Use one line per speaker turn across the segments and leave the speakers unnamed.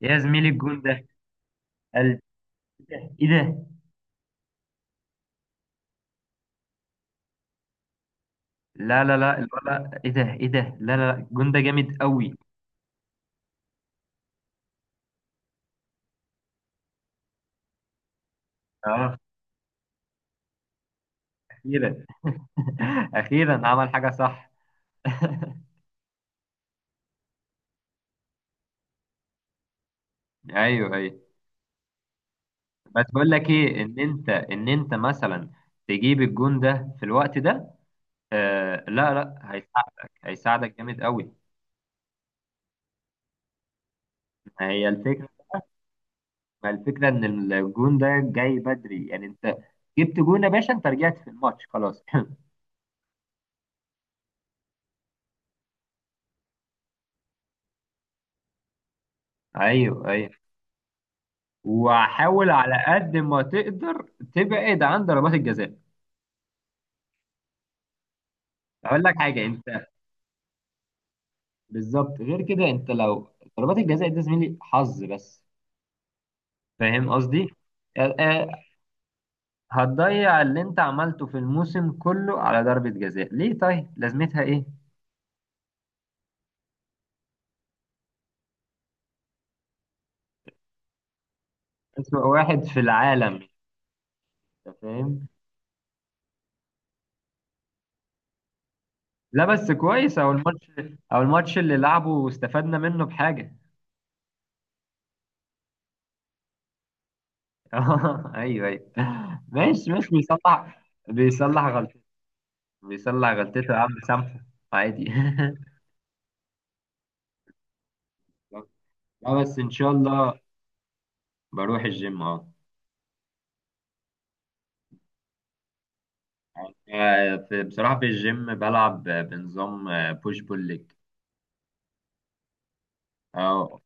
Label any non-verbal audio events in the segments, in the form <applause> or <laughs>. يا زميلي الجون ده قال ايه ده. لا لا لا الولا، ايه ده ايه ده، لا لا لا الجون ده جامد قوي. اه، اخيرا. <laughs> اخيرا عمل حاجه صح. <laughs> ايوه ايوه. بس بقول لك ايه، ان انت مثلا تجيب الجون ده في الوقت ده، آه لا لا، هيساعدك هيساعدك جامد قوي. ما هي الفكره، ما الفكره ان الجون ده جاي بدري، يعني انت جبت جون يا باشا، انت رجعت في الماتش خلاص. <laughs> ايوه ايوه. وحاول على قد ما تقدر تبعد عن ضربات الجزاء. اقول لك حاجه، انت بالظبط غير كده، انت لو ضربات الجزاء دي زميلي حظ بس، فاهم قصدي؟ آه، آه، هتضيع اللي انت عملته في الموسم كله على ضربة جزاء؟ ليه؟ طيب لازمتها ايه؟ اسوأ واحد في العالم، انت فاهم. لا بس كويس او الماتش، او الماتش اللي لعبه واستفدنا منه بحاجة. <laughs> ايوه ايوه ماشي ماشي، بيصلح، بيصلح غلطة، بيصلع غلطته يا عم سامحه، عادي. <laughs> اه بس ان شاء الله. بروح الجيم اه. في بصراحة في الجيم بلعب بنظام بوش بول ليج. اه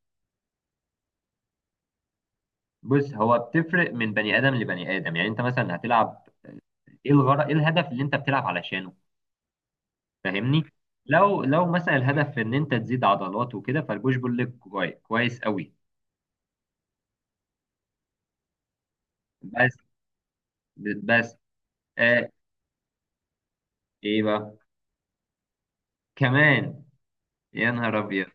بص، هو بتفرق من بني ادم لبني ادم، يعني انت مثلا هتلعب، ايه الغرض، ايه الهدف اللي انت بتلعب علشانه؟ فاهمني؟ لو مثلا الهدف ان انت تزيد عضلات وكده، فالبوش بول ليج كويس كويس قوي. بس بس آه ايه بقى؟ كمان؟ يا نهار ابيض.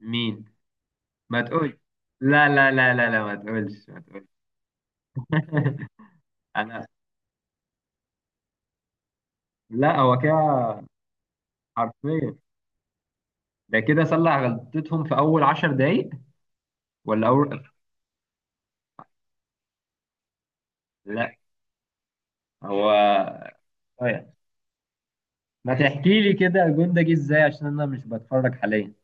مين؟ ما تقولش. لا لا لا لا لا، ما تقولش ما تقولش. <laughs> انا. لا هو كده، حرفيا. ده كده صلح غلطتهم في اول عشر دقايق، ولا اول. لا هو. طيب ما تحكي لي كده الجون ده جه ازاي عشان انا مش بتفرج حاليا.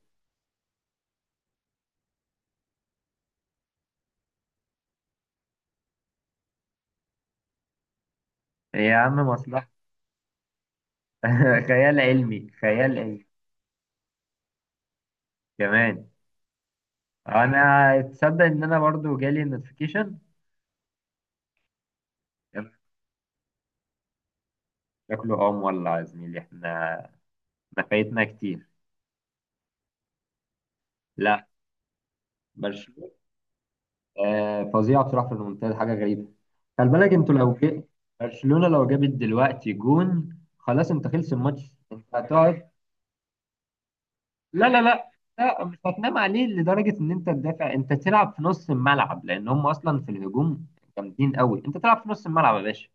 يا عم مصلحة. <laughs> خيال علمي خيال علمي. كمان. انا تصدق ان انا برضو جالي النوتيفيكيشن؟ شكله اه مولع يا زميلي، احنا احنا فايتنا كتير. لا. برشلونة. آه فظيعه بصراحه، في الممتاز حاجه غريبه. خلي بالك انتوا لو جي، برشلونه لو جابت دلوقتي جون، خلاص انت خلص الماتش، انت هتقعد. لا لا لا، لا مش هتنام عليه لدرجه ان انت تدافع، انت تلعب في نص الملعب، لان هم اصلا في الهجوم جامدين قوي، انت تلعب في نص الملعب يا باشا.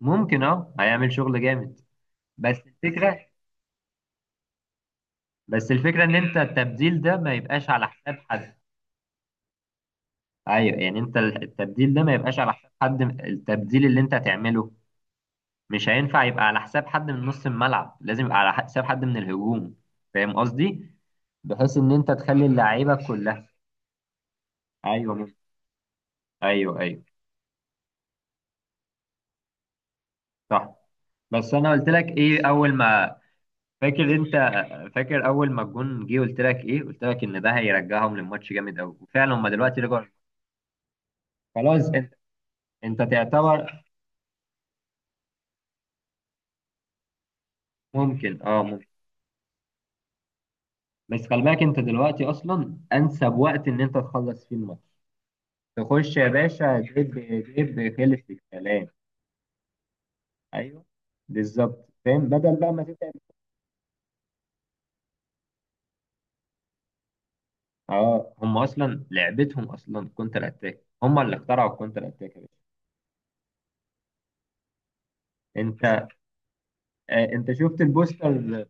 ممكن اه، هيعمل شغل جامد. بس الفكره بس الفكره ان انت التبديل ده ما يبقاش على حساب حد. ايوه، يعني انت التبديل ده ما يبقاش على حساب حد، التبديل اللي انت هتعمله مش هينفع يبقى على حساب حد من نص الملعب، لازم يبقى على حساب حد من الهجوم. فاهم قصدي؟ بحيث ان انت تخلي اللعيبه كلها. ايوه ممكن. ايوه ايوه. صح. بس انا قلت لك ايه اول ما، فاكر انت، فاكر اول ما الجون جه قلت لك ايه؟ قلت لك ان ده هيرجعهم للماتش جامد قوي، وفعلا هم دلوقتي رجعوا. خلاص انت، انت تعتبر. ممكن اه ممكن. بس خلي بالك انت دلوقتي اصلا انسب وقت ان انت تخلص فيه الماتش. تخش يا باشا، جيب، جيب خلف الكلام. ايوه بالظبط، فاهم، بدل بقى ما تتعب. اه هم اصلا لعبتهم اصلا كونتر اتاك، هم اللي اخترعوا الكونتر اتاك يا باشا. انت انت شفت البوستر؟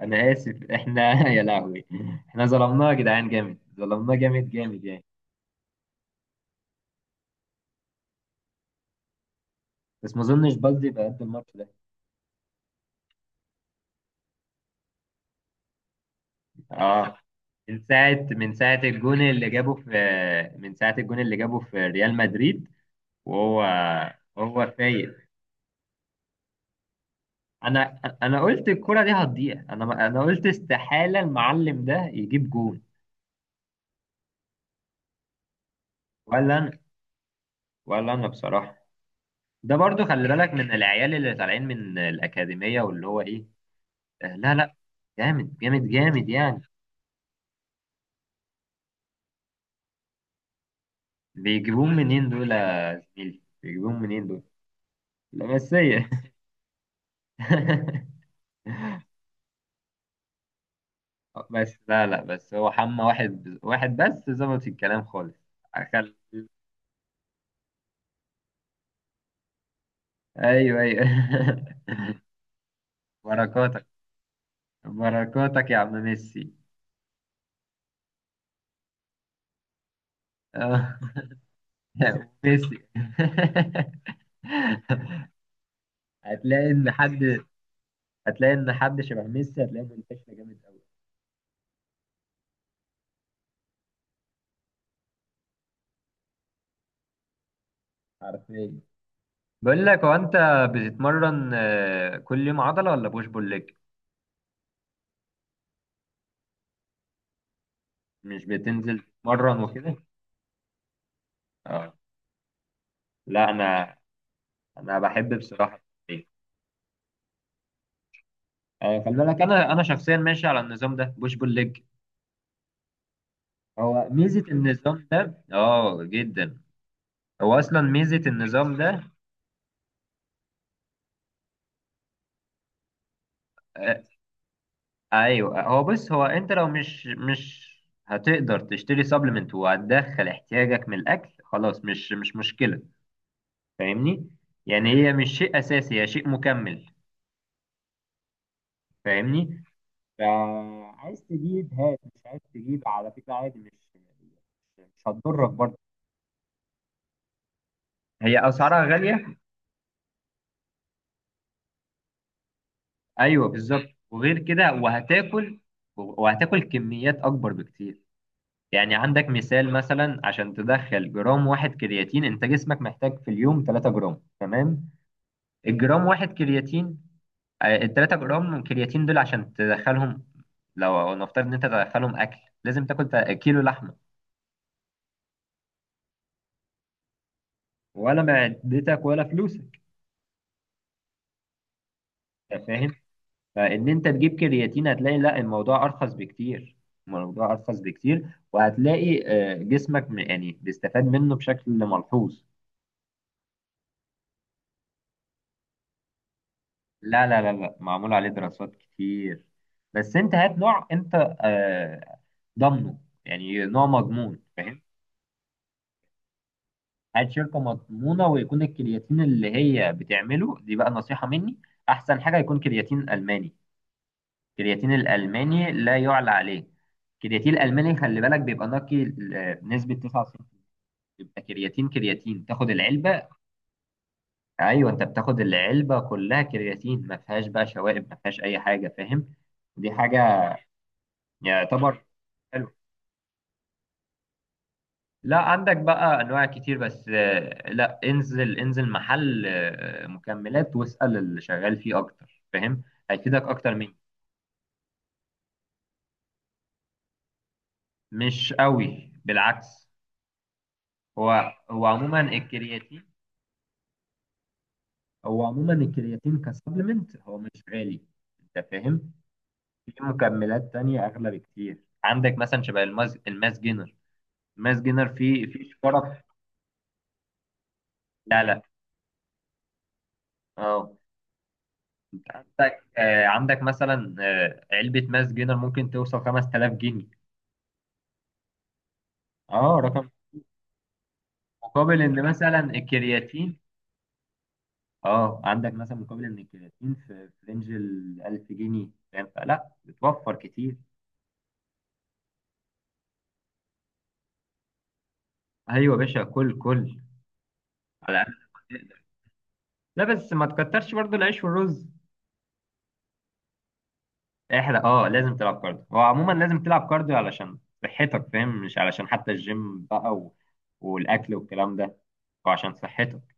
انا اسف، احنا <laughs> يا لهوي، احنا ظلمناه يا جدعان جامد، ظلمناه جامد جامد يعني. بس ما اظنش بلدي بقى قد الماتش ده. اه. من ساعه الجون اللي جابه في، من ساعه الجون اللي جابه في ريال مدريد، وهو، هو فايق. انا قلت الكرة دي هتضيع، انا انا قلت استحالة المعلم ده يجيب جون. ولا انا، ولا انا بصراحة. ده برضو خلي بالك من العيال اللي طالعين من الأكاديمية، واللي هو ايه، لا لا، جامد جامد جامد يعني. بيجيبون منين دول يا زميلي؟ بيجيبون منين دول؟ لمسية. <laughs> بس لا لا، بس هو حمى واحد واحد بس ظبط الكلام خالص. أخل... ايوه ايوه. <laughs> بركاتك، بركاتك يا عم ميسي. <laughs> <laughs> ميسي. <laughs> هتلاقي ان حد، هتلاقي ان حد شبه ميسي هتلاقيه منتشر جامد قوي. حرفيا. بقول لك، هو انت بتتمرن كل يوم عضله ولا بوش بول ليج؟ مش بتنزل تتمرن وكده؟ اه، لا انا، انا بحب بصراحه. إيه. خلي بالك، انا شخصيا ماشي على النظام ده، بوش بول ليج. هو ميزه النظام ده اه جدا. هو اصلا ميزه النظام ده. آه، ايوه. هو بص، هو انت لو مش هتقدر تشتري سبلمنت وهتدخل احتياجك من الاكل، خلاص مش مشكله. فاهمني؟ يعني هي مش شيء اساسي، هي شيء مكمل. فاهمني؟ فعايز تجيب هات، مش عايز تجيب على فكرة عادي، مش، مش هتضرك برضه. هي اسعارها غاليه. ايوه بالظبط، وغير كده وهتاكل، وهتاكل كميات اكبر بكتير. يعني عندك مثال، مثلا عشان تدخل جرام واحد كرياتين، انت جسمك محتاج في اليوم 3 جرام، تمام؟ الجرام واحد كرياتين، ال 3 جرام من كرياتين دول عشان تدخلهم، لو نفترض ان انت تدخلهم اكل، لازم تاكل كيلو لحمه. ولا معدتك ولا فلوسك. انت فاهم؟ فان انت تجيب كرياتين، هتلاقي لا، الموضوع ارخص بكتير، الموضوع ارخص بكتير. وهتلاقي جسمك يعني بيستفاد منه بشكل ملحوظ. لا لا لا لا، معمول عليه دراسات كتير. بس انت هات نوع انت، آه، ضامنه، يعني نوع مضمون، فاهم؟ هات شركة مضمونة، ويكون الكرياتين اللي هي بتعمله دي، بقى نصيحة مني، احسن حاجة يكون كرياتين ألماني. الكرياتين الألماني لا يعلى عليه. الكرياتين الألماني خلي بالك، بيبقى نقي بنسبة 99، يبقى كرياتين كرياتين تاخد العلبة. ايوه انت بتاخد العلبة كلها كرياتين، ما فيهاش بقى شوائب، ما فيهاش اي حاجة، فاهم؟ دي حاجة يعتبر حلوة. لا عندك بقى انواع كتير، بس لا، انزل انزل محل مكملات واسأل اللي شغال فيه اكتر، فاهم؟ هيفيدك اكتر مني. مش قوي، بالعكس. هو هو عموما الكرياتين، هو عموما الكرياتين كسبلمنت هو مش غالي، انت فاهم؟ في مكملات تانية اغلى بكتير، عندك مثلا شبه الماس، الماس جينر. الماس جينر فيه فيه شرف. لا لا اه. انت عندك عندك مثلا علبة ماس جينر ممكن توصل 5000 جنيه. اه رقم. مقابل ان مثلا الكرياتين، اه عندك مثلا مقابل ان الكرياتين في، في رينج ال 1000 جنيه، فاهم؟ فلا بتوفر كتير. ايوه يا باشا، كل كل على قد ما تقدر. لا بس ما تكترش برضو العيش والرز. احرق اه، لازم تلعب كارديو، هو عموما لازم تلعب كارديو علشان صحتك، فاهم؟ مش علشان حتى الجيم بقى و... والاكل والكلام ده، وعشان صحتك.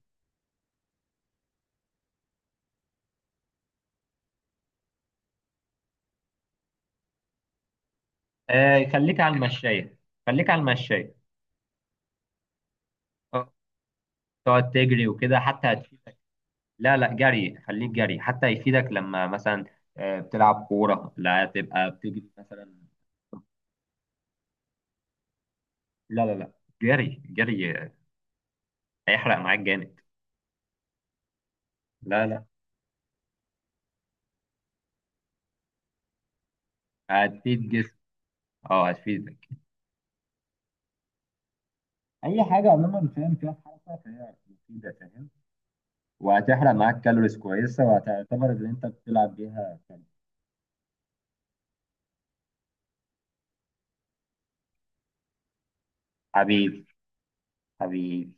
آه خليك على المشاية، خليك على المشاية. اه تقعد تجري وكده حتى هتفيد. لا لا، جري، خليك جري حتى يفيدك لما مثلا بتلعب كورة لا تبقى بتجري مثلا. لا لا لا، جري جري، هيحرق معاك جامد. لا لا. هتفيد جسم، اه هتفيدك. اي حاجة عموما فاهم فيها حركة فهي مفيدة، فاهم؟ وهتحرق معاك كالوريز كويسة، وهتعتبر ان انت بتلعب بيها كالوريز. حبيبي، حبيبي.